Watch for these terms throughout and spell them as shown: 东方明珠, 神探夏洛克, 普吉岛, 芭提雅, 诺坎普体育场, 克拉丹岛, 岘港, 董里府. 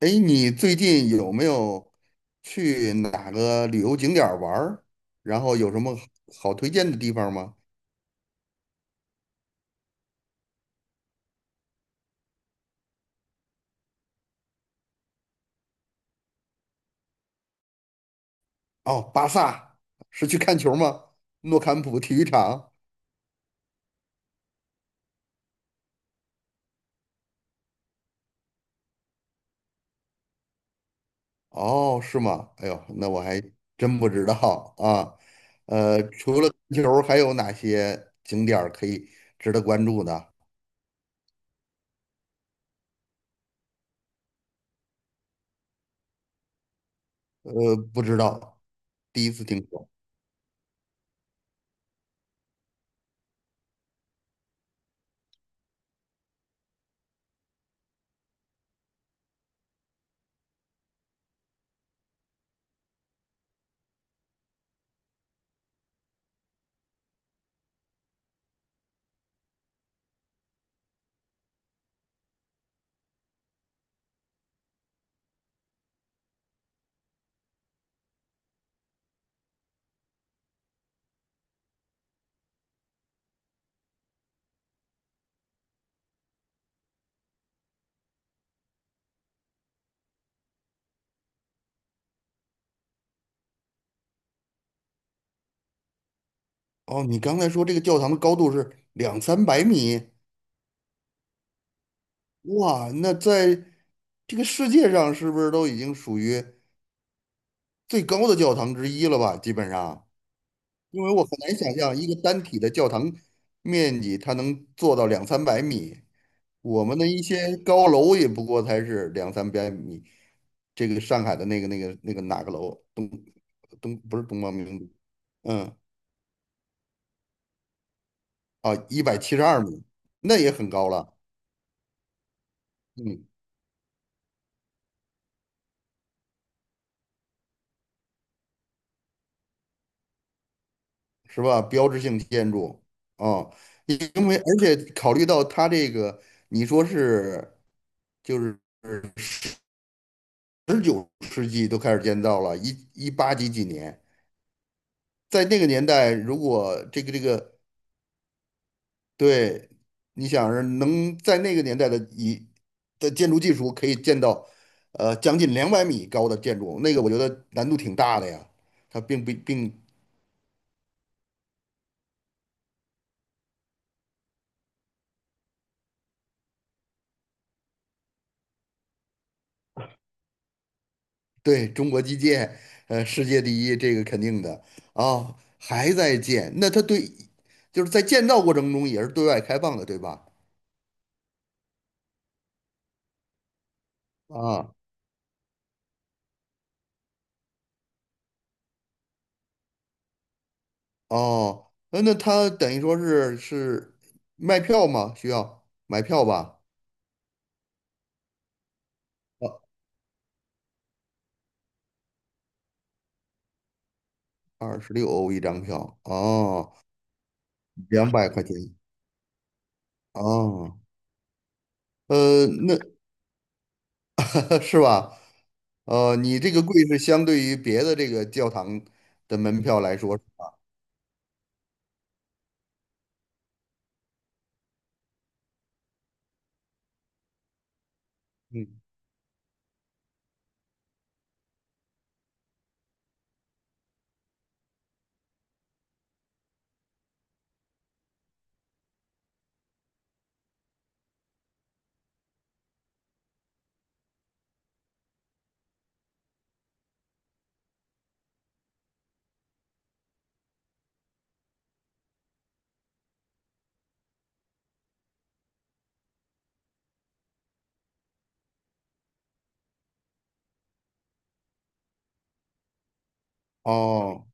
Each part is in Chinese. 哎，你最近有没有去哪个旅游景点儿玩儿？然后有什么好推荐的地方吗？哦，巴萨是去看球吗？诺坎普体育场？哦，是吗？哎呦，那我还真不知道啊。除了看球，还有哪些景点儿可以值得关注的？不知道，第一次听说。哦，你刚才说这个教堂的高度是两三百米？哇，那在这个世界上是不是都已经属于最高的教堂之一了吧？基本上，因为我很难想象一个单体的教堂面积它能做到两三百米，我们的一些高楼也不过才是两三百米。这个上海的那个哪个楼东东不是东方明珠。嗯。啊，172米，那也很高了。嗯。是吧？标志性建筑啊。因为而且考虑到它这个，你说是就是19世纪都开始建造了，一八几几年，在那个年代，如果这个对，你想是能在那个年代的建筑技术可以建到将近200米高的建筑，那个我觉得难度挺大的呀。它并不并。对，中国基建，世界第一，这个肯定的。啊，还在建，那它。对，就是在建造过程中也是对外开放的，对吧？啊，哦，那它等于说是卖票吗？需要买票吧？哦，26欧一张票，哦，200块钱，哦。那 是吧？你这个贵是相对于别的这个教堂的门票来说，嗯，哦。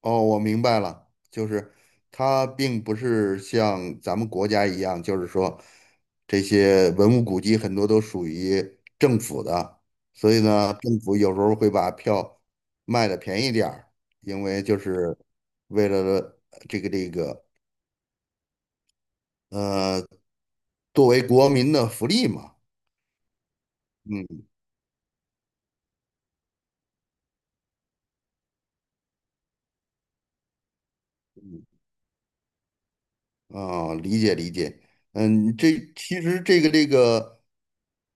哦，我明白了，就是它并不是像咱们国家一样，就是说这些文物古迹很多都属于政府的，所以呢，政府有时候会把票卖的便宜点儿，因为就是为了这个呃，作为国民的福利嘛。嗯，啊，理解理解。嗯，这其实这个。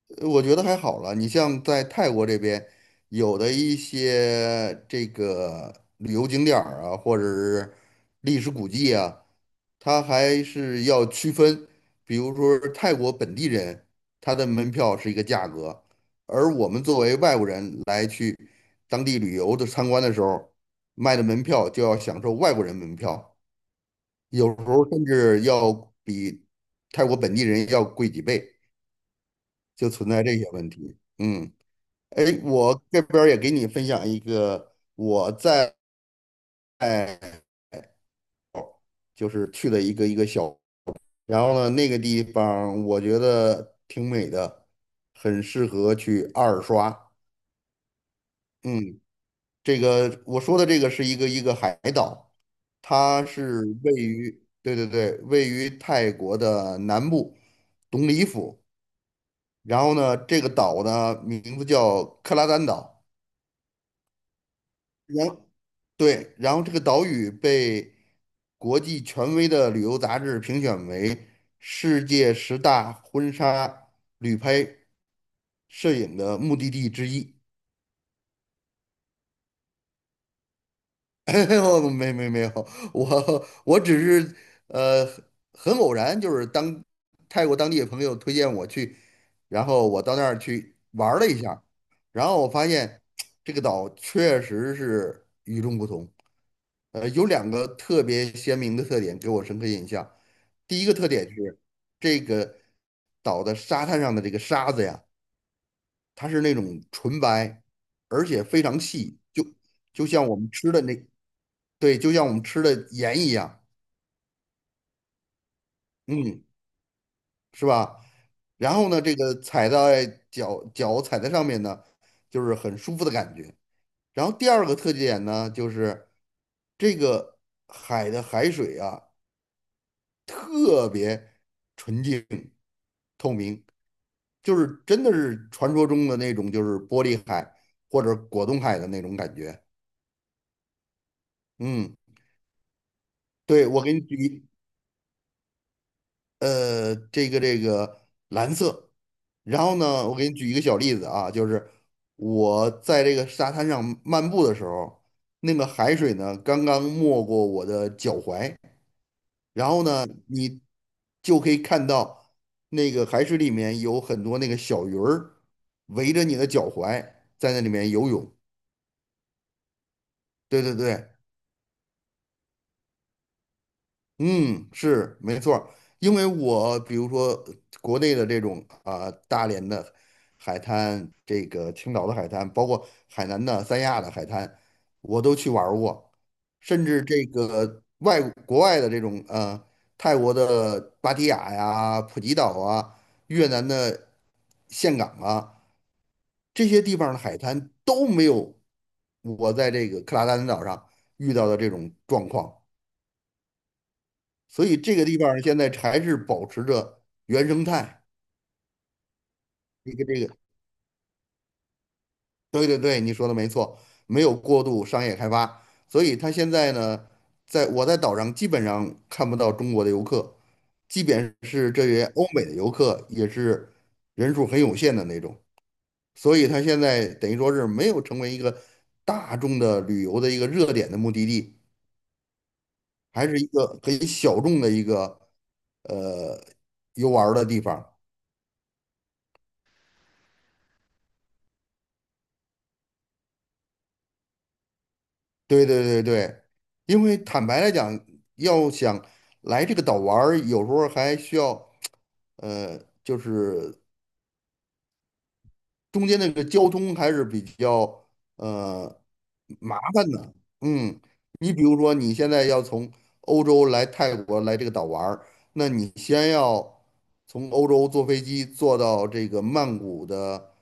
我觉得还好了。你像在泰国这边，有的一些这个旅游景点儿啊，或者是历史古迹啊，它还是要区分。比如说泰国本地人，他的门票是一个价格，而我们作为外国人来当地旅游的参观的时候，卖的门票就要享受外国人门票，有时候甚至要比泰国本地人要贵几倍，就存在这些问题。嗯。哎，我这边儿也给你分享一个我在就是去了一个小，然后呢，那个地方我觉得挺美的，很适合去二刷。嗯，这个我说的这个是一个海岛，它是位于对对对，位于泰国的南部董里府。然后呢，这个岛呢名字叫克拉丹岛。然对，然后这个岛屿被国际权威的旅游杂志评选为世界十大婚纱旅拍摄影的目的地之一。我没有，我只是呃很偶然，就是当泰国当地的朋友推荐我去，然后我到那儿去玩儿了一下儿，然后我发现这个岛确实是与众不同。有两个特别鲜明的特点给我深刻印象。第一个特点是这个岛的沙滩上的这个沙子呀。它是那种纯白，而且非常细，就像我们吃的那，对，就像我们吃的盐一样。嗯，是吧？然后呢，这个踩在脚脚踩在上面呢，就是很舒服的感觉。然后第二个特点呢，就是这个海的海水啊，特别纯净，就是真的是传说中的那种，就是玻璃海或者果冻海的那种感觉。嗯，对，我给你举，这个蓝色。然后呢，我给你举一个小例子啊，就是我在这个沙滩上漫步的时候，那个海水呢刚刚没过我的脚踝，然后呢，你就可以看到那个海水里面有很多那个小鱼儿围着你的脚踝在那里面游泳。对对对，嗯，是没错儿。因为我比如说国内的这种啊、大连的海滩，这个青岛的海滩，包括海南的三亚的海滩，我都去玩儿过，甚至这个国外的这种泰国的芭提雅呀、普吉岛啊、越南的岘港啊，这些地方的海滩都没有我在这个克拉丹岛上遇到的这种状况。所以这个地方儿现在还是保持着原生态，一个这个，对对对，你说的没错，没有过度商业开发，所以它现在呢，在我在岛上基本上看不到中国的游客，即便是这些欧美的游客，也是人数很有限的那种，所以它现在等于说是没有成为一个大众的旅游的一个热点的目的地，还是一个很小众的一个呃游玩儿的地方。对对对对，因为坦白来讲，要想来这个岛玩儿，有时候还需要，就是中间那个交通还是比较呃麻烦的。嗯，你比如说你现在要从欧洲来泰国来这个岛玩儿，那你先要从欧洲坐飞机坐到这个曼谷的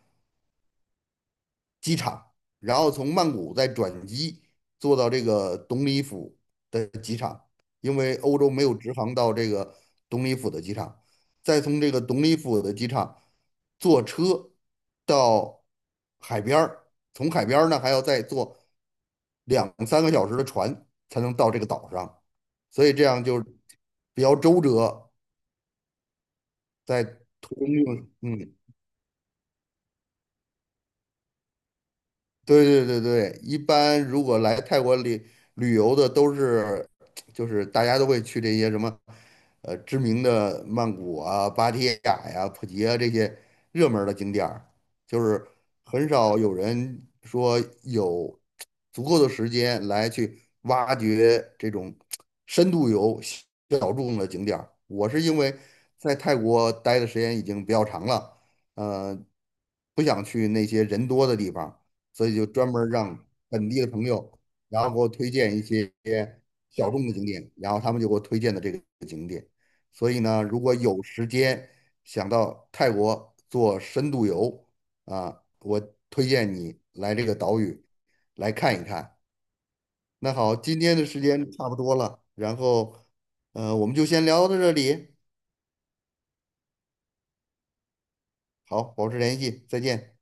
机场，然后从曼谷再转机坐到这个董里府的机场，因为欧洲没有直航到这个董里府的机场，再从这个董里府的机场坐车到海边儿，从海边儿呢还要再坐两三个小时的船才能到这个岛上，所以这样就比较周折，在途中就嗯。对对对对，一般如果来泰国旅游的都是，就是大家都会去这些什么，知名的曼谷啊、芭提雅呀、普吉啊这些热门儿的景点儿，就是很少有人说有足够的时间来去挖掘这种深度游小众的景点儿。我是因为在泰国待的时间已经比较长了，呃，不想去那些人多的地方。所以就专门让本地的朋友，然后给我推荐一些小众的景点，然后他们就给我推荐的这个景点。所以呢，如果有时间想到泰国做深度游啊，我推荐你来这个岛屿来看一看。那好，今天的时间差不多了，然后，我们就先聊到这里。好，保持联系，再见。